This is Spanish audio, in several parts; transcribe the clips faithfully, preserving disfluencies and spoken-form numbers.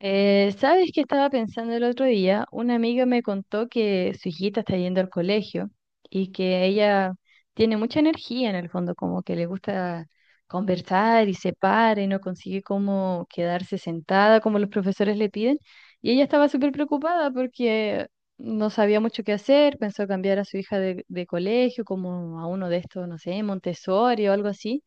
Eh, ¿sabes qué estaba pensando el otro día? Una amiga me contó que su hijita está yendo al colegio y que ella tiene mucha energía en el fondo, como que le gusta conversar y se para y no consigue como quedarse sentada como los profesores le piden. Y ella estaba súper preocupada porque no sabía mucho qué hacer, pensó cambiar a su hija de, de colegio como a uno de estos, no sé, Montessori o algo así.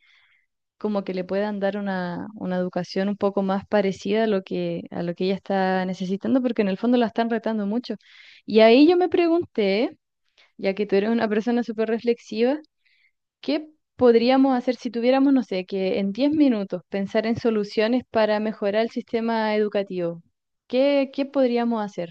Como que le puedan dar una, una educación un poco más parecida a lo que, a lo que ella está necesitando, porque en el fondo la están retando mucho. Y ahí yo me pregunté, ya que tú eres una persona súper reflexiva, ¿qué podríamos hacer si tuviéramos, no sé, que en diez minutos pensar en soluciones para mejorar el sistema educativo? ¿Qué, qué podríamos hacer?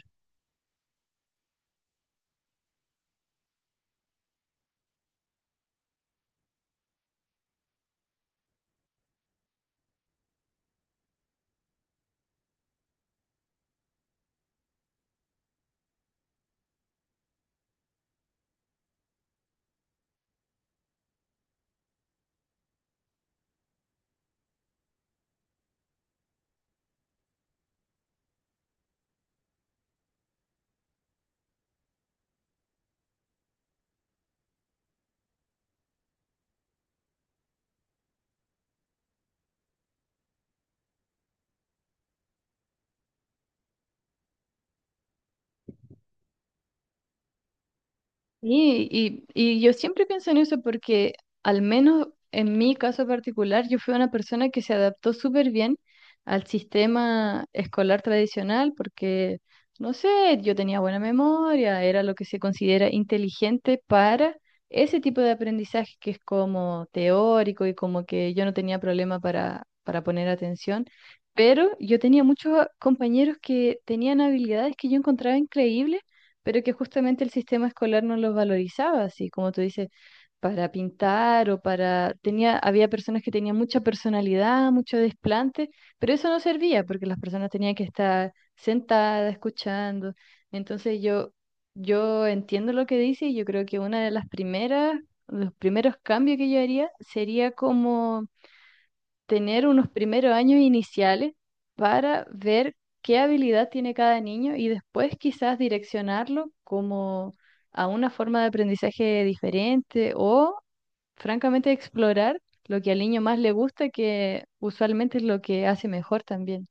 Sí, y, y yo siempre pienso en eso porque al menos en mi caso particular yo fui una persona que se adaptó súper bien al sistema escolar tradicional porque, no sé, yo tenía buena memoria, era lo que se considera inteligente para ese tipo de aprendizaje que es como teórico y como que yo no tenía problema para, para poner atención, pero yo tenía muchos compañeros que tenían habilidades que yo encontraba increíbles pero que justamente el sistema escolar no los valorizaba, así como tú dices, para pintar o para. Tenía, había personas que tenían mucha personalidad, mucho desplante, pero eso no servía porque las personas tenían que estar sentadas, escuchando. Entonces yo, yo entiendo lo que dice y yo creo que una de las primeras, los primeros cambios que yo haría sería como tener unos primeros años iniciales para ver qué habilidad tiene cada niño y después quizás direccionarlo como a una forma de aprendizaje diferente o francamente explorar lo que al niño más le gusta, que usualmente es lo que hace mejor también.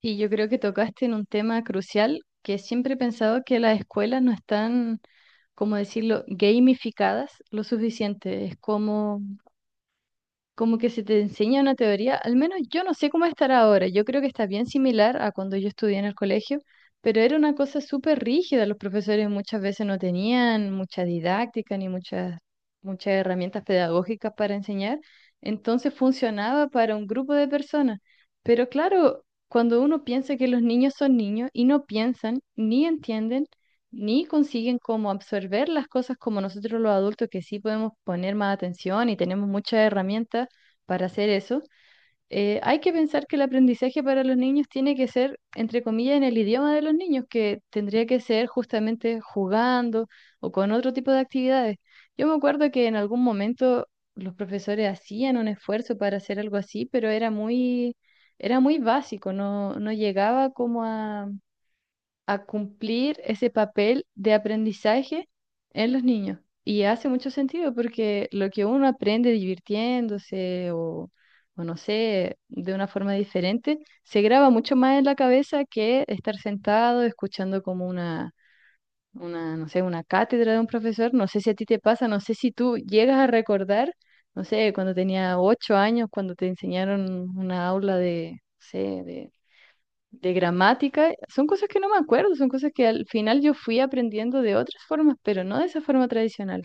Y yo creo que tocaste en un tema crucial que siempre he pensado que las escuelas no están, como decirlo, gamificadas lo suficiente. Es como como que se te enseña una teoría, al menos yo no sé cómo estará ahora, yo creo que está bien similar a cuando yo estudié en el colegio, pero era una cosa súper rígida, los profesores muchas veces no tenían mucha didáctica ni muchas, muchas herramientas pedagógicas para enseñar, entonces funcionaba para un grupo de personas, pero claro, cuando uno piensa que los niños son niños y no piensan ni entienden, ni consiguen como absorber las cosas como nosotros los adultos que sí podemos poner más atención y tenemos muchas herramientas para hacer eso, eh, hay que pensar que el aprendizaje para los niños tiene que ser, entre comillas, en el idioma de los niños, que tendría que ser justamente jugando o con otro tipo de actividades. Yo me acuerdo que en algún momento los profesores hacían un esfuerzo para hacer algo así, pero era muy, era muy básico, no, no llegaba como a a cumplir ese papel de aprendizaje en los niños. Y hace mucho sentido porque lo que uno aprende divirtiéndose o, o no sé, de una forma diferente, se graba mucho más en la cabeza que estar sentado escuchando como una, una, no sé, una cátedra de un profesor. No sé si a ti te pasa, no sé si tú llegas a recordar, no sé, cuando tenía ocho años, cuando te enseñaron una aula de, no sé, de de gramática, son cosas que no me acuerdo, son cosas que al final yo fui aprendiendo de otras formas, pero no de esa forma tradicional.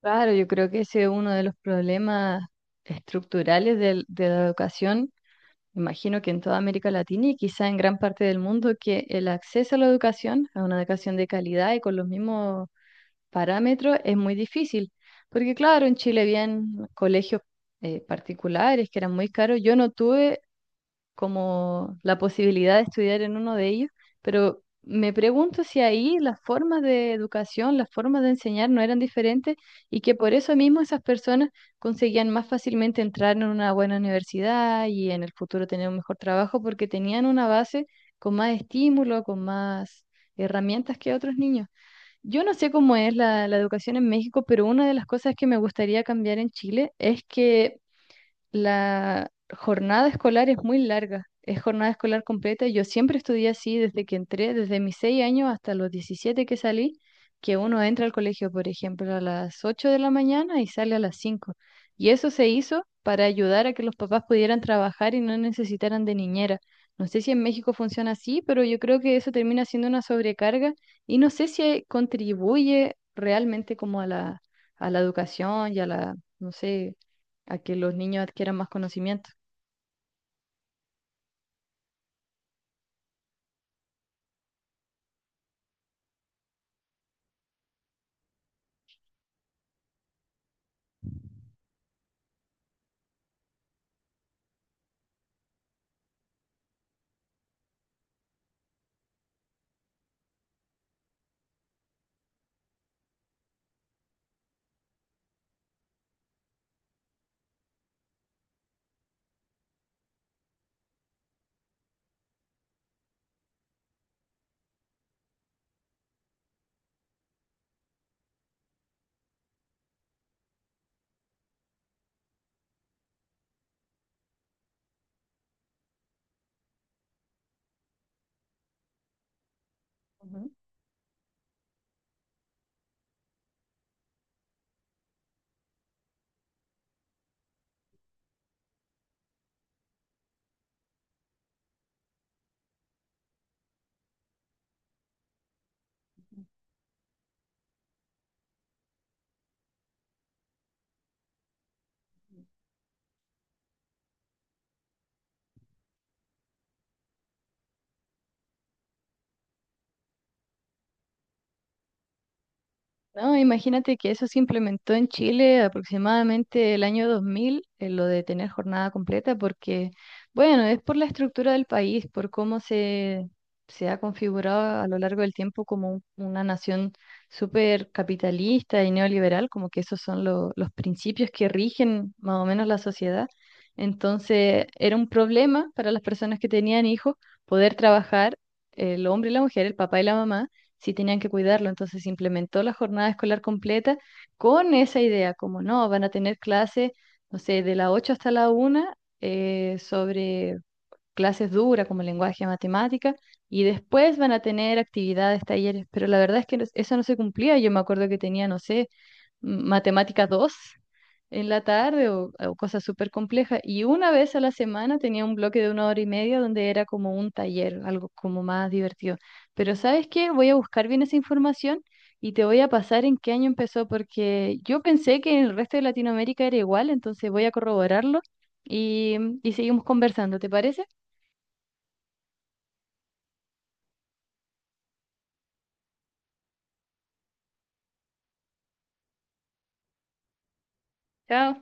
Claro, yo creo que ese es uno de los problemas estructurales del- de, la educación, imagino que en toda América Latina y quizá en gran parte del mundo, que el acceso a la educación, a una educación de calidad y con los mismos parámetros, es muy difícil. Porque claro, en Chile habían colegios eh, particulares que eran muy caros. Yo no tuve como la posibilidad de estudiar en uno de ellos, pero me pregunto si ahí las formas de educación, las formas de enseñar no eran diferentes y que por eso mismo esas personas conseguían más fácilmente entrar en una buena universidad y en el futuro tener un mejor trabajo porque tenían una base con más estímulo, con más herramientas que otros niños. Yo no sé cómo es la, la educación en México, pero una de las cosas que me gustaría cambiar en Chile es que la jornada escolar es muy larga, es jornada escolar completa. Yo siempre estudié así desde que entré, desde mis seis años hasta los diecisiete que salí, que uno entra al colegio, por ejemplo, a las ocho de la mañana y sale a las cinco. Y eso se hizo para ayudar a que los papás pudieran trabajar y no necesitaran de niñera. No sé si en México funciona así, pero yo creo que eso termina siendo una sobrecarga y no sé si contribuye realmente como a la, a la educación y a la, no sé, a que los niños adquieran más conocimiento. Ujú. No, imagínate que eso se implementó en Chile aproximadamente el año dos mil, eh, lo de tener jornada completa, porque, bueno, es por la estructura del país, por cómo se, se ha configurado a lo largo del tiempo como un- una nación súper capitalista y neoliberal, como que esos son lo- los principios que rigen más o menos la sociedad. Entonces, era un problema para las personas que tenían hijos poder trabajar el hombre y la mujer, el papá y la mamá sí tenían que cuidarlo. Entonces se implementó la jornada escolar completa con esa idea, como no, van a tener clases, no sé, de la ocho hasta la una, eh, sobre clases duras como lenguaje, matemática, y después van a tener actividades, talleres. Pero la verdad es que no, eso no se cumplía. Yo me acuerdo que tenía, no sé, m- matemática dos en la tarde o, o cosas súper complejas. Y una vez a la semana tenía un bloque de una hora y media donde era como un taller, algo como más divertido. Pero ¿sabes qué? Voy a buscar bien esa información y te voy a pasar en qué año empezó, porque yo pensé que en el resto de Latinoamérica era igual, entonces voy a corroborarlo y, y seguimos conversando, ¿te parece? Chao.